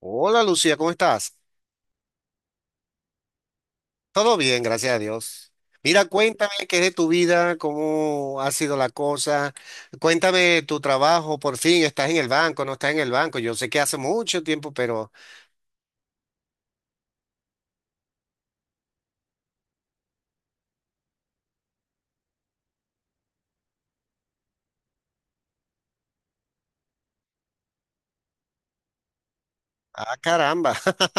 Hola Lucía, ¿cómo estás? Todo bien, gracias a Dios. Mira, cuéntame qué es de tu vida, cómo ha sido la cosa. Cuéntame tu trabajo, por fin, ¿estás en el banco, no estás en el banco? Yo sé que hace mucho tiempo, pero... Ah, caramba.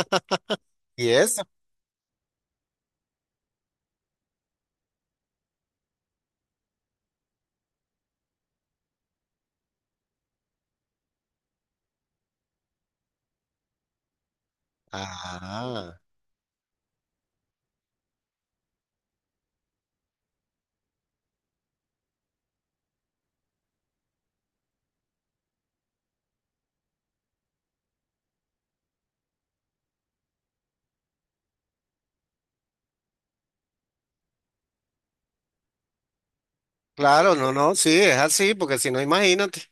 ¿Y eso? Ah, claro, no, no, sí, es así, porque si no, imagínate.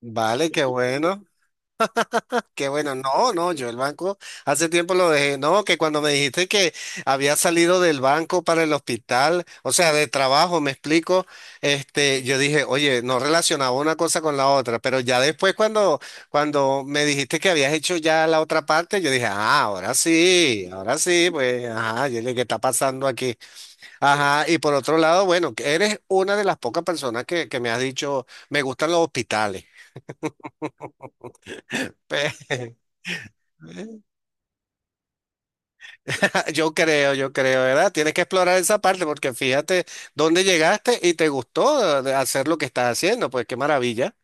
Vale, qué bueno. Qué bueno, no, no, yo el banco hace tiempo lo dejé, no, que cuando me dijiste que había salido del banco para el hospital, o sea, de trabajo, me explico, yo dije, oye, no relacionaba una cosa con la otra, pero ya después cuando me dijiste que habías hecho ya la otra parte, yo dije, ah, ahora sí, pues, ajá, yo dije, ¿qué está pasando aquí? Ajá, y por otro lado, bueno, que eres una de las pocas personas que me has dicho, me gustan los hospitales. Pe- yo creo, ¿verdad? Tienes que explorar esa parte porque fíjate dónde llegaste y te gustó hacer lo que estás haciendo, pues qué maravilla.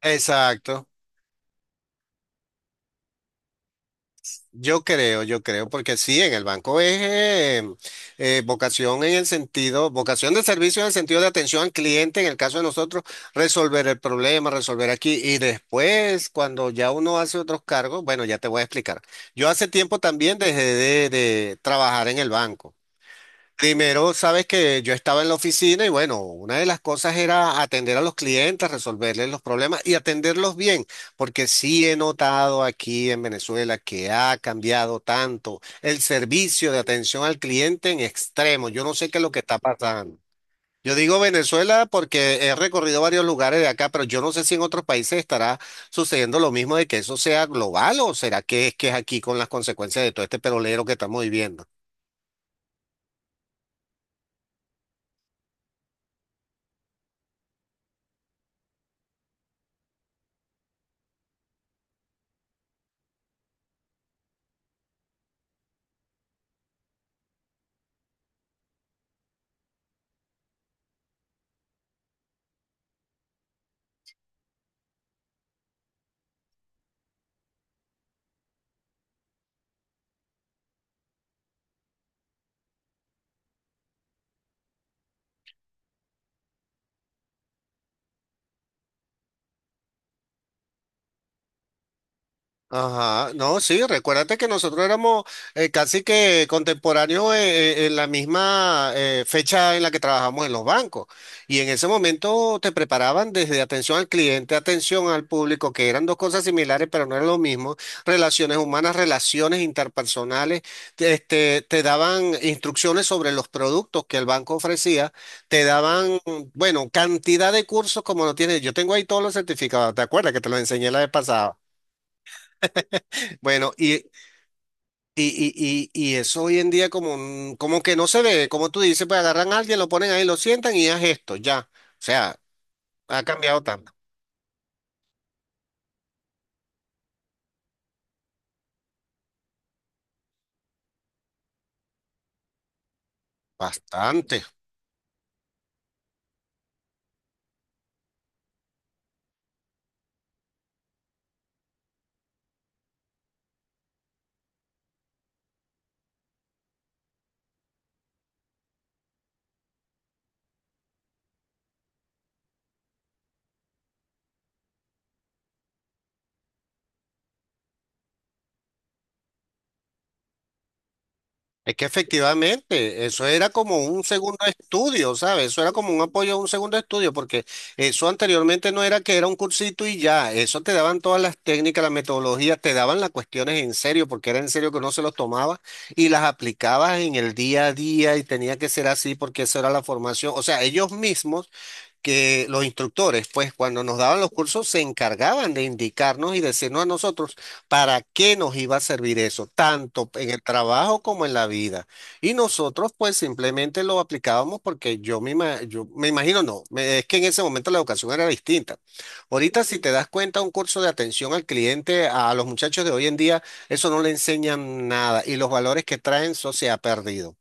Exacto, yo creo, porque sí, en el banco es vocación en el sentido, vocación de servicio en el sentido de atención al cliente, en el caso de nosotros, resolver el problema, resolver aquí y después, cuando ya uno hace otros cargos, bueno, ya te voy a explicar. Yo hace tiempo también dejé de trabajar en el banco. Primero, sabes que yo estaba en la oficina y bueno, una de las cosas era atender a los clientes, resolverles los problemas y atenderlos bien, porque sí he notado aquí en Venezuela que ha cambiado tanto el servicio de atención al cliente en extremo. Yo no sé qué es lo que está pasando. Yo digo Venezuela porque he recorrido varios lugares de acá, pero yo no sé si en otros países estará sucediendo lo mismo de que eso sea global o será que es aquí con las consecuencias de todo este perolero que estamos viviendo. Ajá, no, sí, recuérdate que nosotros éramos casi que contemporáneos en la misma fecha en la que trabajamos en los bancos. Y en ese momento te preparaban desde atención al cliente, atención al público, que eran dos cosas similares, pero no era lo mismo. Relaciones humanas, relaciones interpersonales, te daban instrucciones sobre los productos que el banco ofrecía, te daban, bueno, cantidad de cursos como no tienes. Yo tengo ahí todos los certificados, ¿te acuerdas que te los enseñé la vez pasada? Bueno, y, y eso hoy en día como que no se ve, como tú dices, pues agarran a alguien, lo ponen ahí, lo sientan y haz esto, ya. O sea, ha cambiado tanto. Bastante. Es que efectivamente, eso era como un segundo estudio, ¿sabes? Eso era como un apoyo a un segundo estudio, porque eso anteriormente no era que era un cursito y ya, eso te daban todas las técnicas, las metodologías, te daban las cuestiones en serio, porque era en serio que uno se los tomaba y las aplicabas en el día a día y tenía que ser así porque esa era la formación. O sea, ellos mismos que los instructores, pues cuando nos daban los cursos, se encargaban de indicarnos y decirnos a nosotros para qué nos iba a servir eso, tanto en el trabajo como en la vida. Y nosotros, pues simplemente lo aplicábamos porque yo me imagino, no, me- es que en ese momento la educación era distinta. Ahorita, si te das cuenta, un curso de atención al cliente, a los muchachos de hoy en día, eso no le enseñan nada y los valores que traen, eso se ha perdido.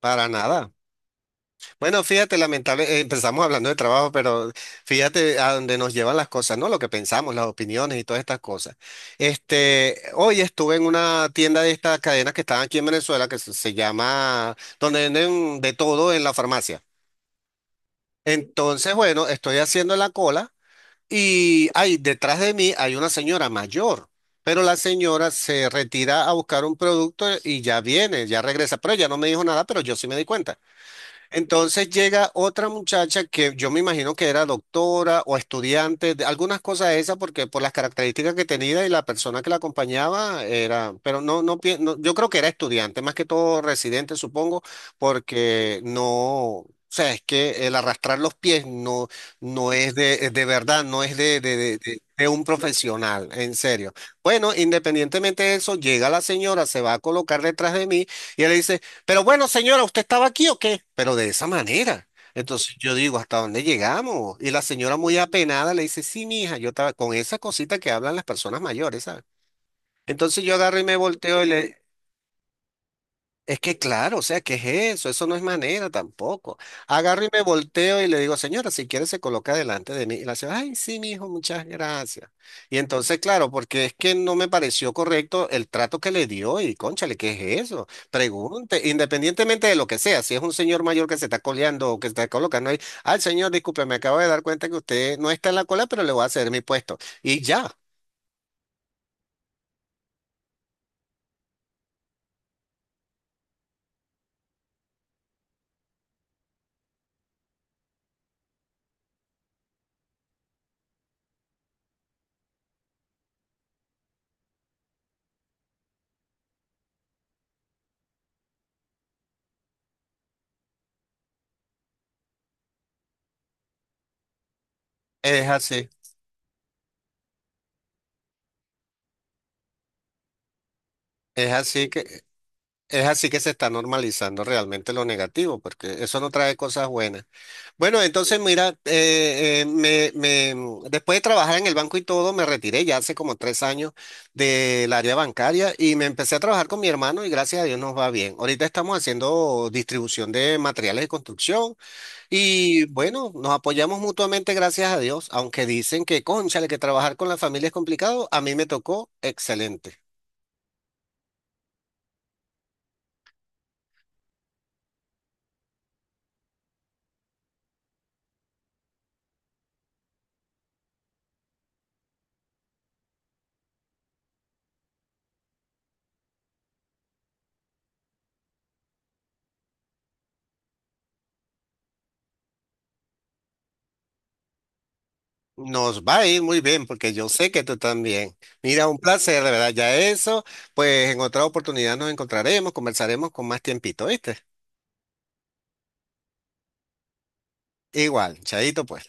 Para nada. Bueno, fíjate, lamentable, empezamos hablando de trabajo, pero fíjate a dónde nos llevan las cosas, ¿no? Lo que pensamos, las opiniones y todas estas cosas. Hoy estuve en una tienda de estas cadenas que están aquí en Venezuela, que se llama, donde venden de todo en la farmacia. Entonces, bueno, estoy haciendo la cola y ahí detrás de mí hay una señora mayor, pero la señora se retira a buscar un producto y ya viene, ya regresa, pero ella no me dijo nada, pero yo sí me di cuenta. Entonces llega otra muchacha que yo me imagino que era doctora o estudiante, de algunas cosas de esas, porque por las características que tenía y la persona que la acompañaba era, pero no, no, no, yo creo que era estudiante, más que todo residente, supongo, porque no, o sea, es que el arrastrar los pies no, no es de verdad, no es de, de un profesional, en serio. Bueno, independientemente de eso, llega la señora, se va a colocar detrás de mí y él dice, pero bueno, señora, ¿usted estaba aquí o qué? Pero de esa manera. Entonces yo digo, ¿hasta dónde llegamos? Y la señora muy apenada le dice, sí, mija, yo estaba con esa cosita que hablan las personas mayores, ¿sabes? Entonces yo agarro y me volteo y le, es que claro, o sea, ¿qué es eso? Eso no es manera tampoco. Agarro y me volteo y le digo, señora, si quiere se coloca delante de mí. Y la señora, ay, sí, mi hijo, muchas gracias. Y entonces, claro, porque es que no me pareció correcto el trato que le dio y, cónchale, ¿qué es eso? Pregunte, independientemente de lo que sea, si es un señor mayor que se está coleando o que se está colocando ahí, ay, señor, disculpe, me acabo de dar cuenta que usted no está en la cola, pero le voy a ceder mi puesto. Y ya, es así, es así que... Es así que se está normalizando realmente lo negativo, porque eso no trae cosas buenas. Bueno, entonces mira, después de trabajar en el banco y todo, me retiré ya hace como 3 años del área bancaria y me empecé a trabajar con mi hermano y gracias a Dios nos va bien. Ahorita estamos haciendo distribución de materiales de construcción y bueno, nos apoyamos mutuamente, gracias a Dios, aunque dicen que, cónchale, que trabajar con la familia es complicado, a mí me tocó excelente. Nos va a ir muy bien porque yo sé que tú también. Mira, un placer, de verdad. Ya eso, pues en otra oportunidad nos encontraremos, conversaremos con más tiempito, ¿viste? Igual, chaito pues.